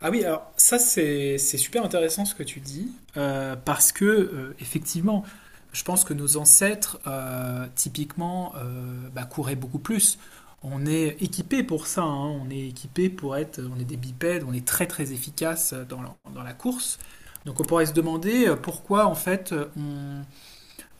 Ah oui, alors ça c'est super intéressant ce que tu dis, parce que effectivement, je pense que nos ancêtres typiquement bah, couraient beaucoup plus. On est équipé pour ça, hein, on est équipé pour être, on est des bipèdes, on est très très efficace dans la course. Donc on pourrait se demander pourquoi en fait on,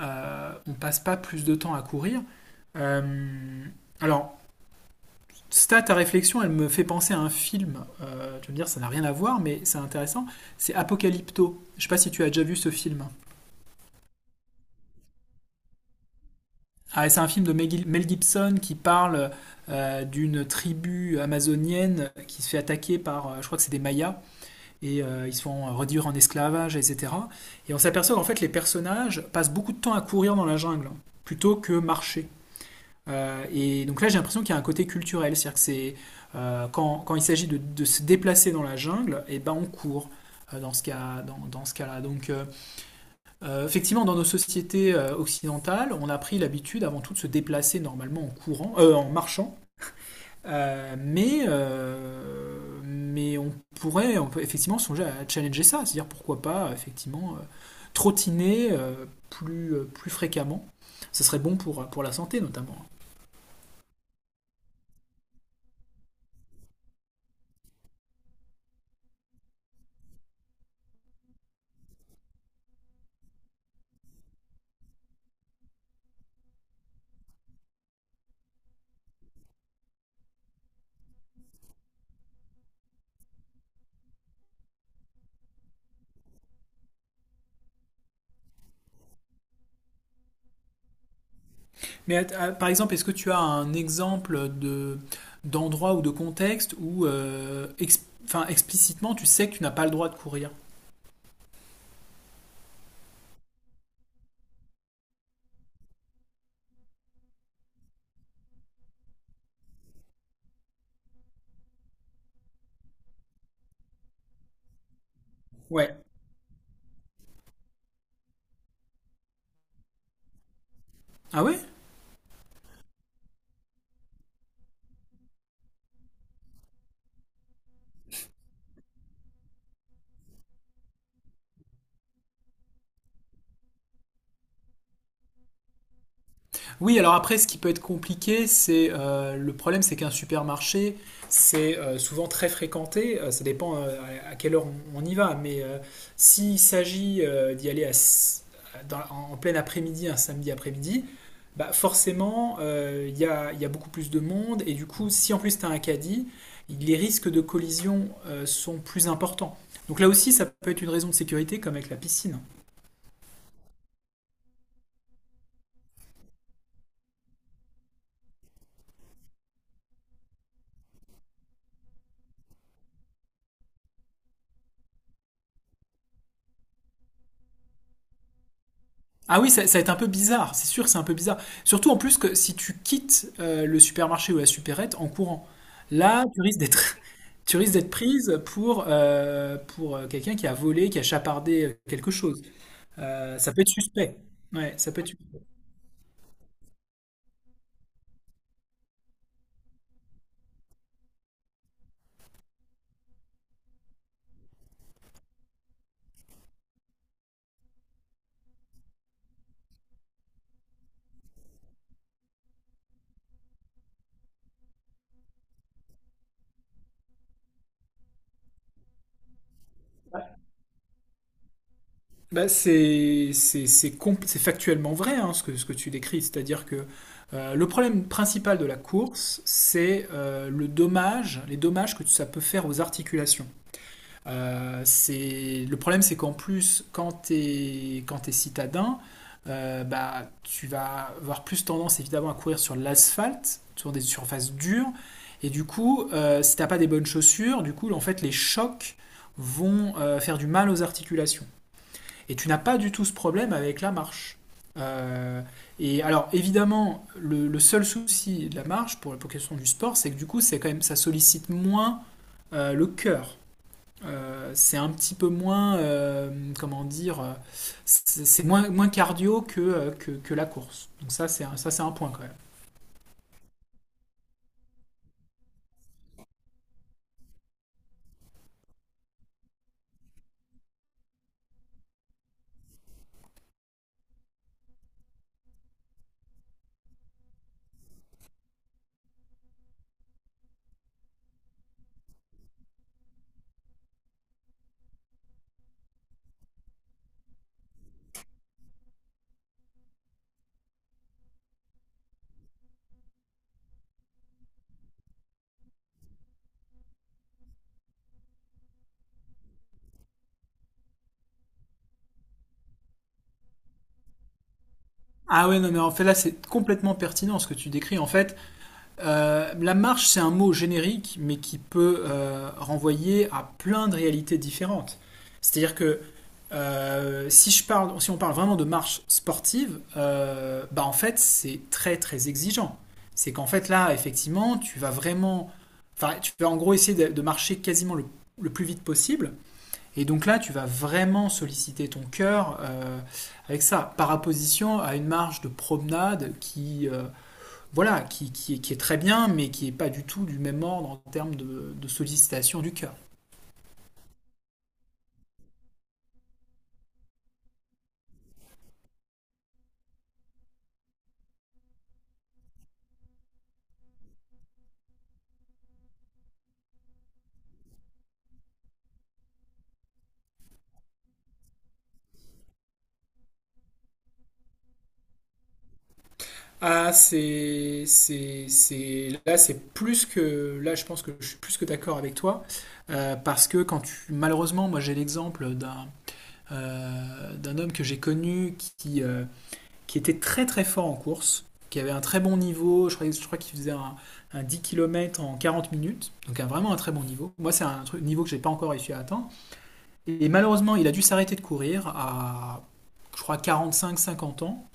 euh, on passe pas plus de temps à courir. Euh, alors ça, ta réflexion, elle me fait penser à un film. Tu vas me dire, ça n'a rien à voir, mais c'est intéressant. C'est Apocalypto. Je ne sais pas si tu as déjà vu ce film. Ah, c'est un film de Mel Gibson qui parle d'une tribu amazonienne qui se fait attaquer par, je crois que c'est des Mayas, et ils se font réduire en esclavage, etc. Et on s'aperçoit qu'en fait, les personnages passent beaucoup de temps à courir dans la jungle plutôt que marcher. Et donc là, j'ai l'impression qu'il y a un côté culturel, c'est-à-dire que c'est quand il s'agit de se déplacer dans la jungle, et ben on court dans ce cas, dans ce cas-là. Donc effectivement, dans nos sociétés occidentales, on a pris l'habitude avant tout de se déplacer normalement en courant, en marchant. Mais on peut effectivement songer à challenger ça, c'est-à-dire pourquoi pas effectivement trottiner plus fréquemment. Ce serait bon pour la santé notamment. Mais par exemple, est-ce que tu as un exemple de d'endroit ou de contexte où enfin, explicitement tu sais que tu n'as pas le droit de courir? Ouais. Ah ouais? Oui, alors après, ce qui peut être compliqué, c'est le problème, c'est qu'un supermarché, c'est souvent très fréquenté. Ça dépend à quelle heure on y va, mais s'il s'agit d'y aller à s- dans- en en plein après-midi, un samedi après-midi, bah forcément, il y a beaucoup plus de monde, et du coup, si en plus tu as un caddie, les risques de collision sont plus importants. Donc là aussi, ça peut être une raison de sécurité, comme avec la piscine. Ah oui, ça va être un peu bizarre, c'est sûr, c'est un peu bizarre. Surtout en plus que si tu quittes le supermarché ou la supérette en courant, là, tu risques d'être, tu risques d'être prise pour quelqu'un qui a volé, qui a chapardé quelque chose. Ça peut être suspect. Ouais, ça peut être. Bah, c'est factuellement vrai hein, ce que tu décris, c'est-à-dire que le problème principal de la course, c'est les dommages que ça peut faire aux articulations. Le problème, c'est qu'en plus, quand t'es citadin, bah, tu vas avoir plus tendance évidemment à courir sur l'asphalte, sur des surfaces dures. Et du coup, si t'as pas des bonnes chaussures, du coup, en fait, les chocs vont faire du mal aux articulations. Et tu n'as pas du tout ce problème avec la marche. Euh, et alors, évidemment, le seul souci de la marche pour la question du sport, c'est que du coup, c'est quand même, ça sollicite moins le cœur. C'est un petit peu moins, comment dire, c'est moins cardio que la course. Donc ça, c'est un point quand même. Ah ouais, non, mais en fait, là, c'est complètement pertinent ce que tu décris. En fait, la marche, c'est un mot générique, mais qui peut renvoyer à plein de réalités différentes. C'est-à-dire que si on parle vraiment de marche sportive, bah en fait, c'est très très exigeant. C'est qu'en fait, là, effectivement, tu vas vraiment. Enfin, tu vas en gros essayer de marcher quasiment le plus vite possible. Et donc là, tu vas vraiment solliciter ton cœur avec ça, par opposition à une marche de promenade qui, voilà, qui est très bien, mais qui n'est pas du tout du même ordre en termes de sollicitation du cœur. Ah, là, c'est plus que, là, je pense que je suis plus que d'accord avec toi, parce que malheureusement, moi, j'ai l'exemple d'un homme que j'ai connu qui était très très fort en course, qui avait un très bon niveau, je crois qu'il faisait un 10 km en 40 minutes, donc vraiment un très bon niveau. Moi, c'est un truc, niveau que j'ai pas encore réussi à atteindre. Et malheureusement, il a dû s'arrêter de courir à, je crois, 45-50 ans,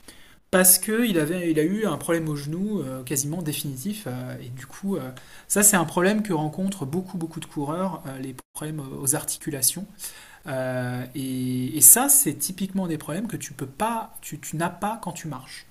parce qu'il a eu un problème au genou quasiment définitif. Et du coup, ça, c'est un problème que rencontrent beaucoup, beaucoup de coureurs, les problèmes aux articulations. Et ça, c'est typiquement des problèmes que tu n'as pas quand tu marches.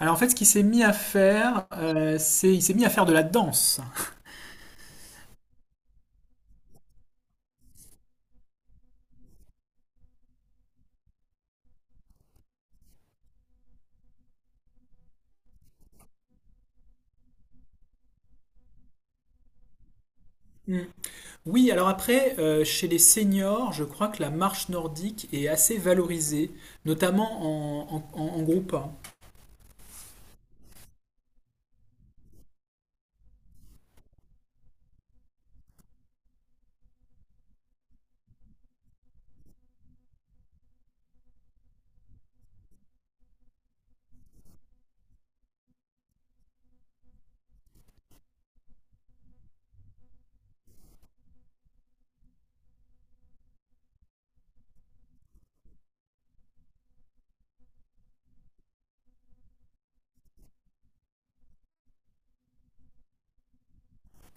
Alors en fait, ce qu'il s'est mis à faire, c'est il s'est mis à faire de la danse. Mm. Oui, alors après, chez les seniors, je crois que la marche nordique est assez valorisée, notamment en groupe. Un.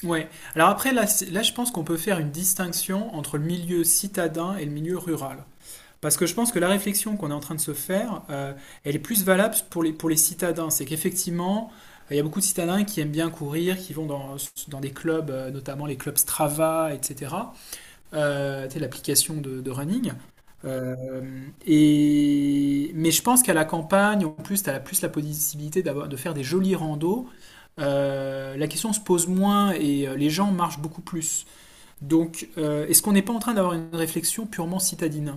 Ouais. Alors après, là, là, je pense qu'on peut faire une distinction entre le milieu citadin et le milieu rural. Parce que je pense que la réflexion qu'on est en train de se faire, elle est plus valable pour les citadins. C'est qu'effectivement, il y a beaucoup de citadins qui aiment bien courir, qui vont dans des clubs, notamment les clubs Strava, etc. Tu sais, l'application de running. Euh, Mais je pense qu'à la campagne, en plus, tu as plus la possibilité de faire des jolis randos. La question se pose moins et les gens marchent beaucoup plus. Donc, est-ce qu'on n'est pas en train d'avoir une réflexion purement citadine?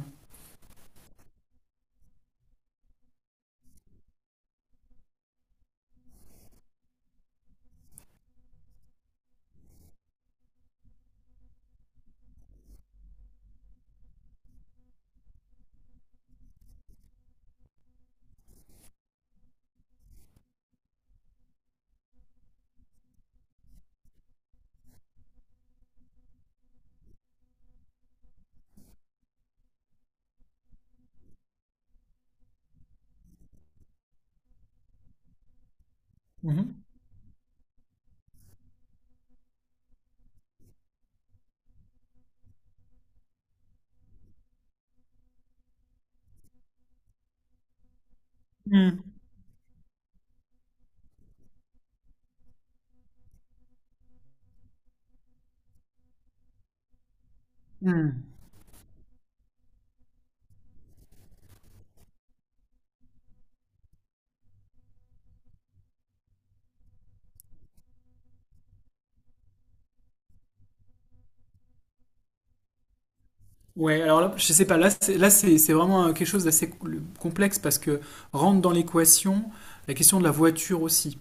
Mhm. Mhm. Ouais, alors là, je sais pas, là, c'est vraiment quelque chose d'assez complexe parce que rentre dans l'équation la question de la voiture aussi.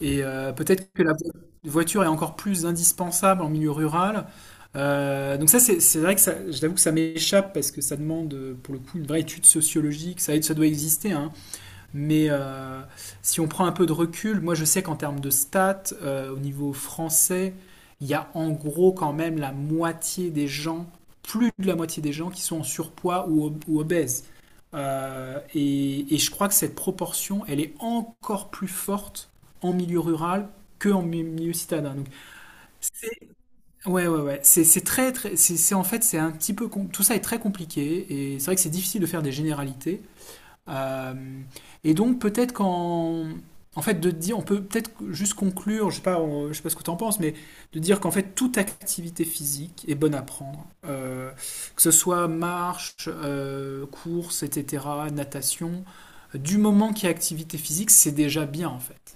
Et peut-être que la voiture est encore plus indispensable en milieu rural. Donc ça, c'est vrai que ça, je t'avoue que ça m'échappe parce que ça demande pour le coup une vraie étude sociologique. Ça doit exister, hein. Mais si on prend un peu de recul, moi je sais qu'en termes de stats, au niveau français, il y a en gros quand même la moitié des gens, plus de la moitié des gens qui sont en surpoids ou obèses. Et je crois que cette proportion, elle est encore plus forte en milieu rural que en milieu citadin. Donc, c'est- ouais, ouais, ouais. C'est très, très, en fait, c'est un petit peu, tout ça est très compliqué et c'est vrai que c'est difficile de faire des généralités. Euh, et donc peut-être qu'en fait de dire, on peut peut-être juste conclure, je sais pas, je sais pas ce que tu en penses, mais de dire qu'en fait toute activité physique est bonne à prendre, que ce soit marche, course, etc., natation, du moment qu'il y a activité physique, c'est déjà bien en fait.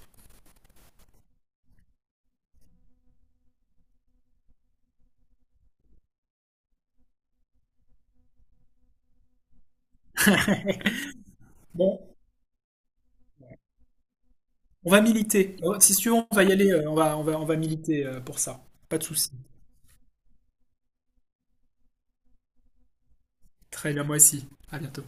Bon, on va militer. Si tu veux, on va y aller, on va militer pour ça. Pas de souci. Très bien, moi aussi. À bientôt.